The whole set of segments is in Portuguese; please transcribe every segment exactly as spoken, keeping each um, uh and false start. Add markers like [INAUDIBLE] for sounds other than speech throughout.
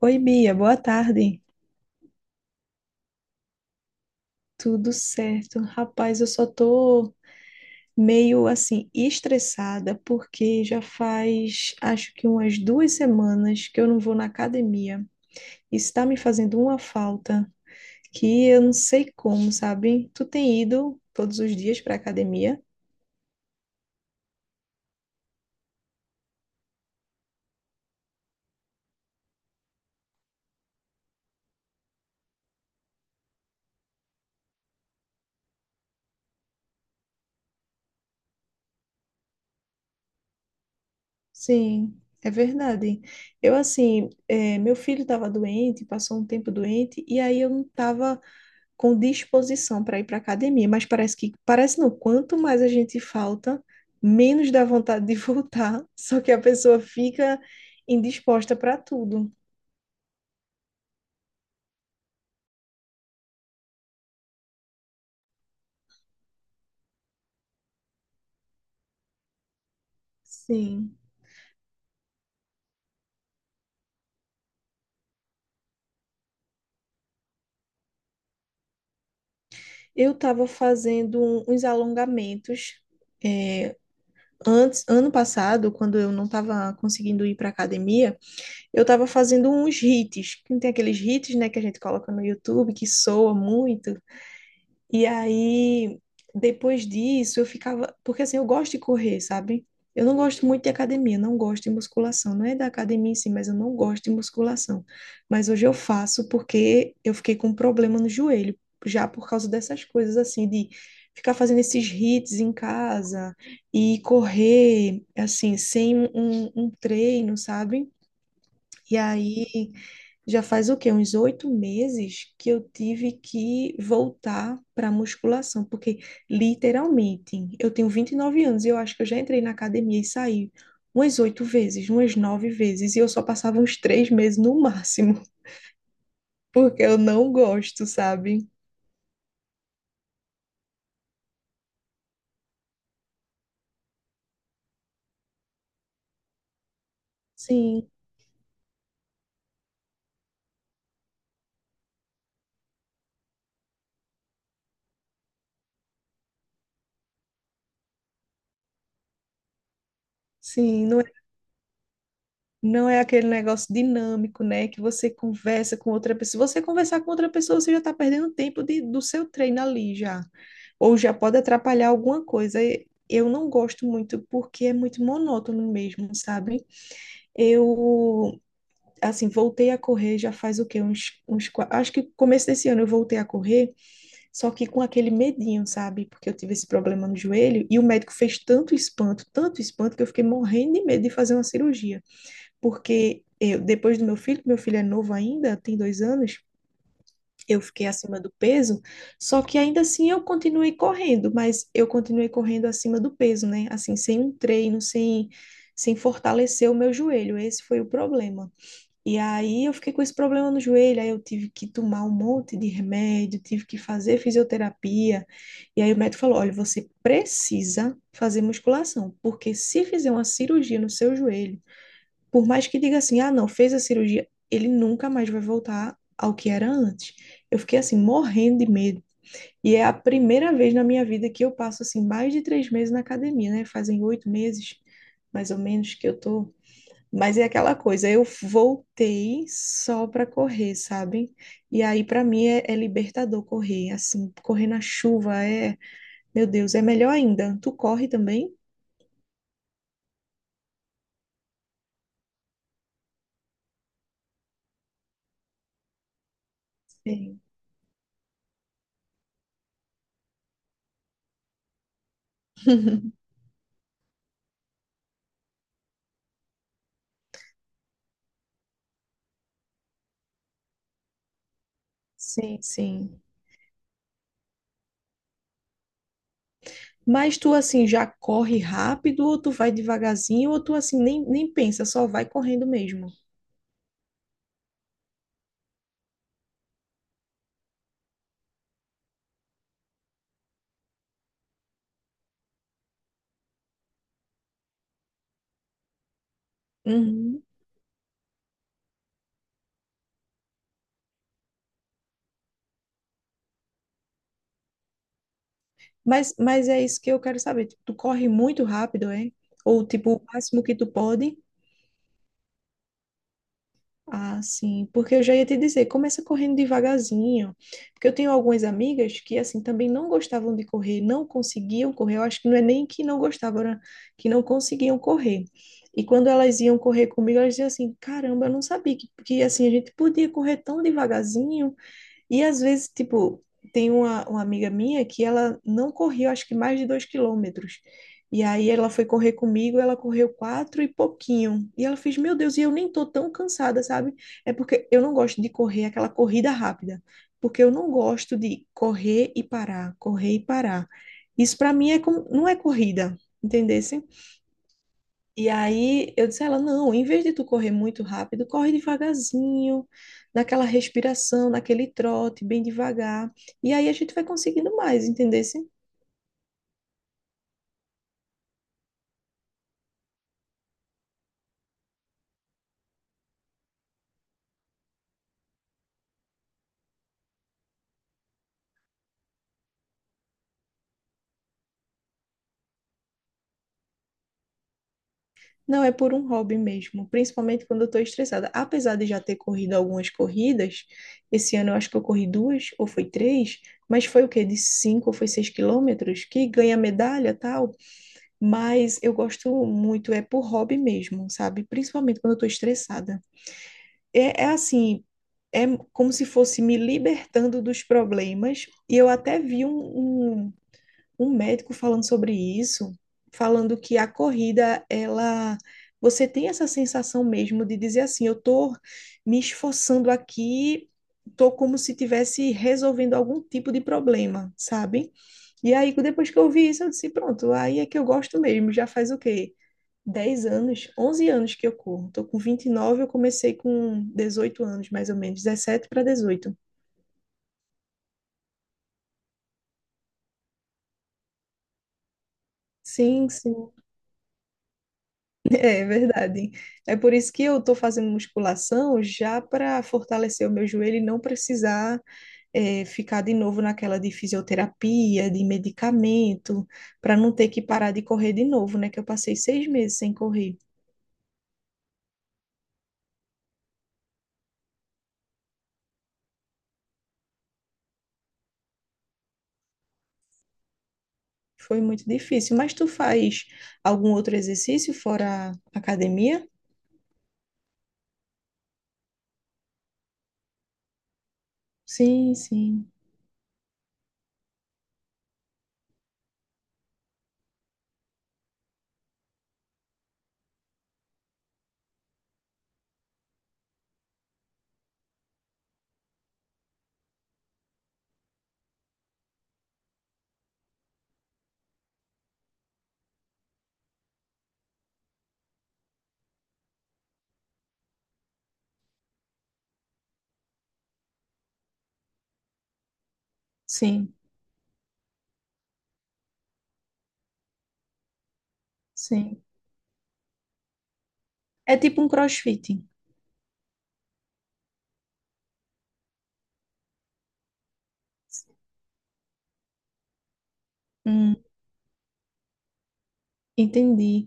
Oi, Bia, boa tarde. Tudo certo? Rapaz, eu só tô meio assim estressada porque já faz acho que umas duas semanas que eu não vou na academia. Isso tá me fazendo uma falta que eu não sei como, sabe? Tu tem ido todos os dias pra academia? Sim, é verdade. Eu assim, eh, meu filho estava doente, passou um tempo doente, e aí eu não estava com disposição para ir para a academia, mas parece que, parece não, quanto mais a gente falta, menos dá vontade de [LAUGHS] voltar, só que a pessoa fica indisposta para tudo. Sim. Eu estava fazendo um, uns alongamentos, é, antes, ano passado, quando eu não estava conseguindo ir para academia, eu estava fazendo uns hits. Tem aqueles hits, né, que a gente coloca no YouTube que soa muito. E aí, depois disso, eu ficava. Porque assim, eu gosto de correr, sabe? Eu não gosto muito de academia, não gosto de musculação. Não é da academia em si, mas eu não gosto de musculação. Mas hoje eu faço porque eu fiquei com um problema no joelho, já por causa dessas coisas, assim, de ficar fazendo esses hits em casa e correr, assim, sem um, um treino, sabe? E aí já faz o quê? Uns oito meses que eu tive que voltar para musculação, porque literalmente eu tenho vinte e nove anos e eu acho que eu já entrei na academia e saí umas oito vezes, umas nove vezes, e eu só passava uns três meses no máximo, [LAUGHS] porque eu não gosto, sabe? Sim, sim, não é, não é aquele negócio dinâmico, né? Que você conversa com outra pessoa. Se você conversar com outra pessoa, você já está perdendo tempo de, do seu treino ali já. Ou já pode atrapalhar alguma coisa. E eu não gosto muito porque é muito monótono mesmo, sabe? Eu, assim, voltei a correr já faz o quê? Uns, uns, qua- acho que começo desse ano eu voltei a correr, só que com aquele medinho, sabe? Porque eu tive esse problema no joelho e o médico fez tanto espanto, tanto espanto que eu fiquei morrendo de medo de fazer uma cirurgia, porque eu, depois do meu filho, meu filho é novo ainda, tem dois anos. Eu fiquei acima do peso, só que ainda assim eu continuei correndo, mas eu continuei correndo acima do peso, né? Assim, sem um treino, sem, sem fortalecer o meu joelho. Esse foi o problema. E aí eu fiquei com esse problema no joelho, aí eu tive que tomar um monte de remédio, tive que fazer fisioterapia. E aí o médico falou: olha, você precisa fazer musculação, porque se fizer uma cirurgia no seu joelho, por mais que diga assim, ah, não, fez a cirurgia, ele nunca mais vai voltar ao que era antes. Eu fiquei assim, morrendo de medo. E é a primeira vez na minha vida que eu passo assim mais de três meses na academia, né? Fazem oito meses, mais ou menos, que eu tô. Mas é aquela coisa, eu voltei só para correr, sabe? E aí para mim é, é libertador correr, assim, correr na chuva é, meu Deus, é melhor ainda. Tu corre também? Sim. [LAUGHS] Sim, sim. Mas tu assim já corre rápido, ou tu vai devagarzinho, ou tu assim nem, nem pensa, só vai correndo mesmo. Uhum. Mas, mas é isso que eu quero saber. Tipo, tu corre muito rápido, é? Ou tipo, o máximo que tu pode? Ah, sim, porque eu já ia te dizer, começa correndo devagarzinho, porque eu tenho algumas amigas que, assim, também não gostavam de correr, não conseguiam correr, eu acho que não é nem que não gostavam, era que não conseguiam correr, e quando elas iam correr comigo, elas diziam assim, caramba, eu não sabia que, que assim, a gente podia correr tão devagarzinho, e às vezes, tipo, tem uma, uma amiga minha que ela não correu, acho que mais de dois quilômetros. E aí ela foi correr comigo, ela correu quatro e pouquinho. E ela fez, meu Deus, e eu nem tô tão cansada, sabe? É porque eu não gosto de correr aquela corrida rápida, porque eu não gosto de correr e parar, correr e parar. Isso para mim é como, não é corrida, entendeu? E aí eu disse a ela, não, em vez de tu correr muito rápido, corre devagarzinho, naquela respiração, naquele trote, bem devagar. E aí a gente vai conseguindo mais, entendesse? Não é por um hobby mesmo, principalmente quando eu estou estressada. Apesar de já ter corrido algumas corridas, esse ano eu acho que eu corri duas ou foi três, mas foi o quê? De cinco ou foi seis quilômetros, que ganha medalha tal. Mas eu gosto muito, é por hobby mesmo, sabe? Principalmente quando eu estou estressada. É, é assim, é como se fosse me libertando dos problemas. E eu até vi um, um, um médico falando sobre isso, falando que a corrida, ela. Você tem essa sensação mesmo de dizer assim, eu tô me esforçando aqui, tô como se tivesse resolvendo algum tipo de problema, sabe? E aí, depois que eu vi isso, eu disse, pronto, aí é que eu gosto mesmo, já faz o quê? Dez anos, onze anos que eu corro. Tô com vinte e nove, eu comecei com dezoito anos, mais ou menos, dezessete para dezoito. Sim, sim, [LAUGHS] é verdade. É por isso que eu tô fazendo musculação já para fortalecer o meu joelho e não precisar eh, ficar de novo naquela de fisioterapia, de medicamento, para não ter que parar de correr de novo, né? Que eu passei seis meses sem correr. Foi muito difícil. Mas tu faz algum outro exercício fora a academia? Sim, sim, sim. Sim. É tipo um CrossFit. Hum, entendi.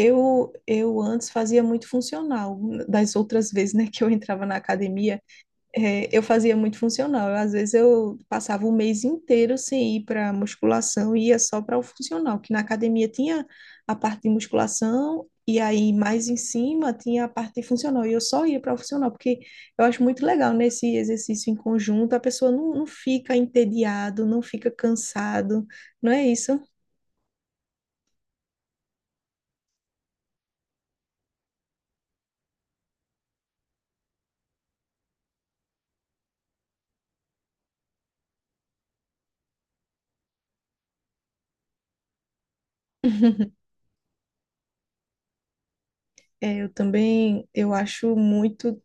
Eu, eu antes fazia muito funcional, das outras vezes, né, que eu entrava na academia. É, eu fazia muito funcional. Às vezes eu passava o mês inteiro sem ir para musculação e ia só para o funcional, que na academia tinha a parte de musculação e aí mais em cima tinha a parte de funcional. E eu só ia para o funcional, porque eu acho muito legal nesse exercício em conjunto, a pessoa não, não fica entediado, não fica cansado, não é isso? [LAUGHS] É, eu também. Eu acho muito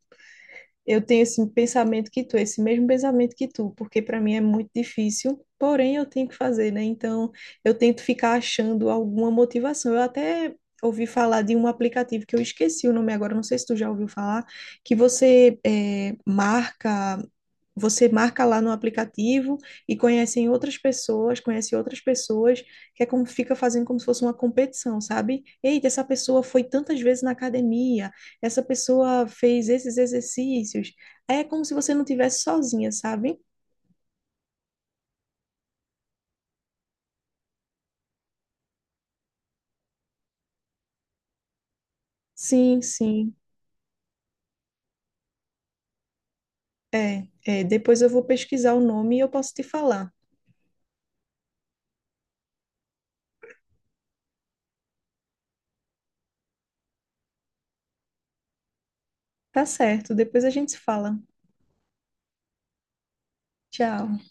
Eu tenho esse pensamento que tu, esse mesmo pensamento que tu, porque para mim é muito difícil, porém eu tenho que fazer, né? Então eu tento ficar achando alguma motivação. Eu até ouvi falar de um aplicativo que eu esqueci o nome agora, não sei se tu já ouviu falar, que você eh, marca. Você marca lá no aplicativo e conhecem outras pessoas, conhece outras pessoas, que é como fica fazendo como se fosse uma competição, sabe? Eita, essa pessoa foi tantas vezes na academia, essa pessoa fez esses exercícios. Aí é como se você não tivesse sozinha, sabe? Sim, sim. É, é. Depois eu vou pesquisar o nome e eu posso te falar. Tá certo, depois a gente se fala. Tchau.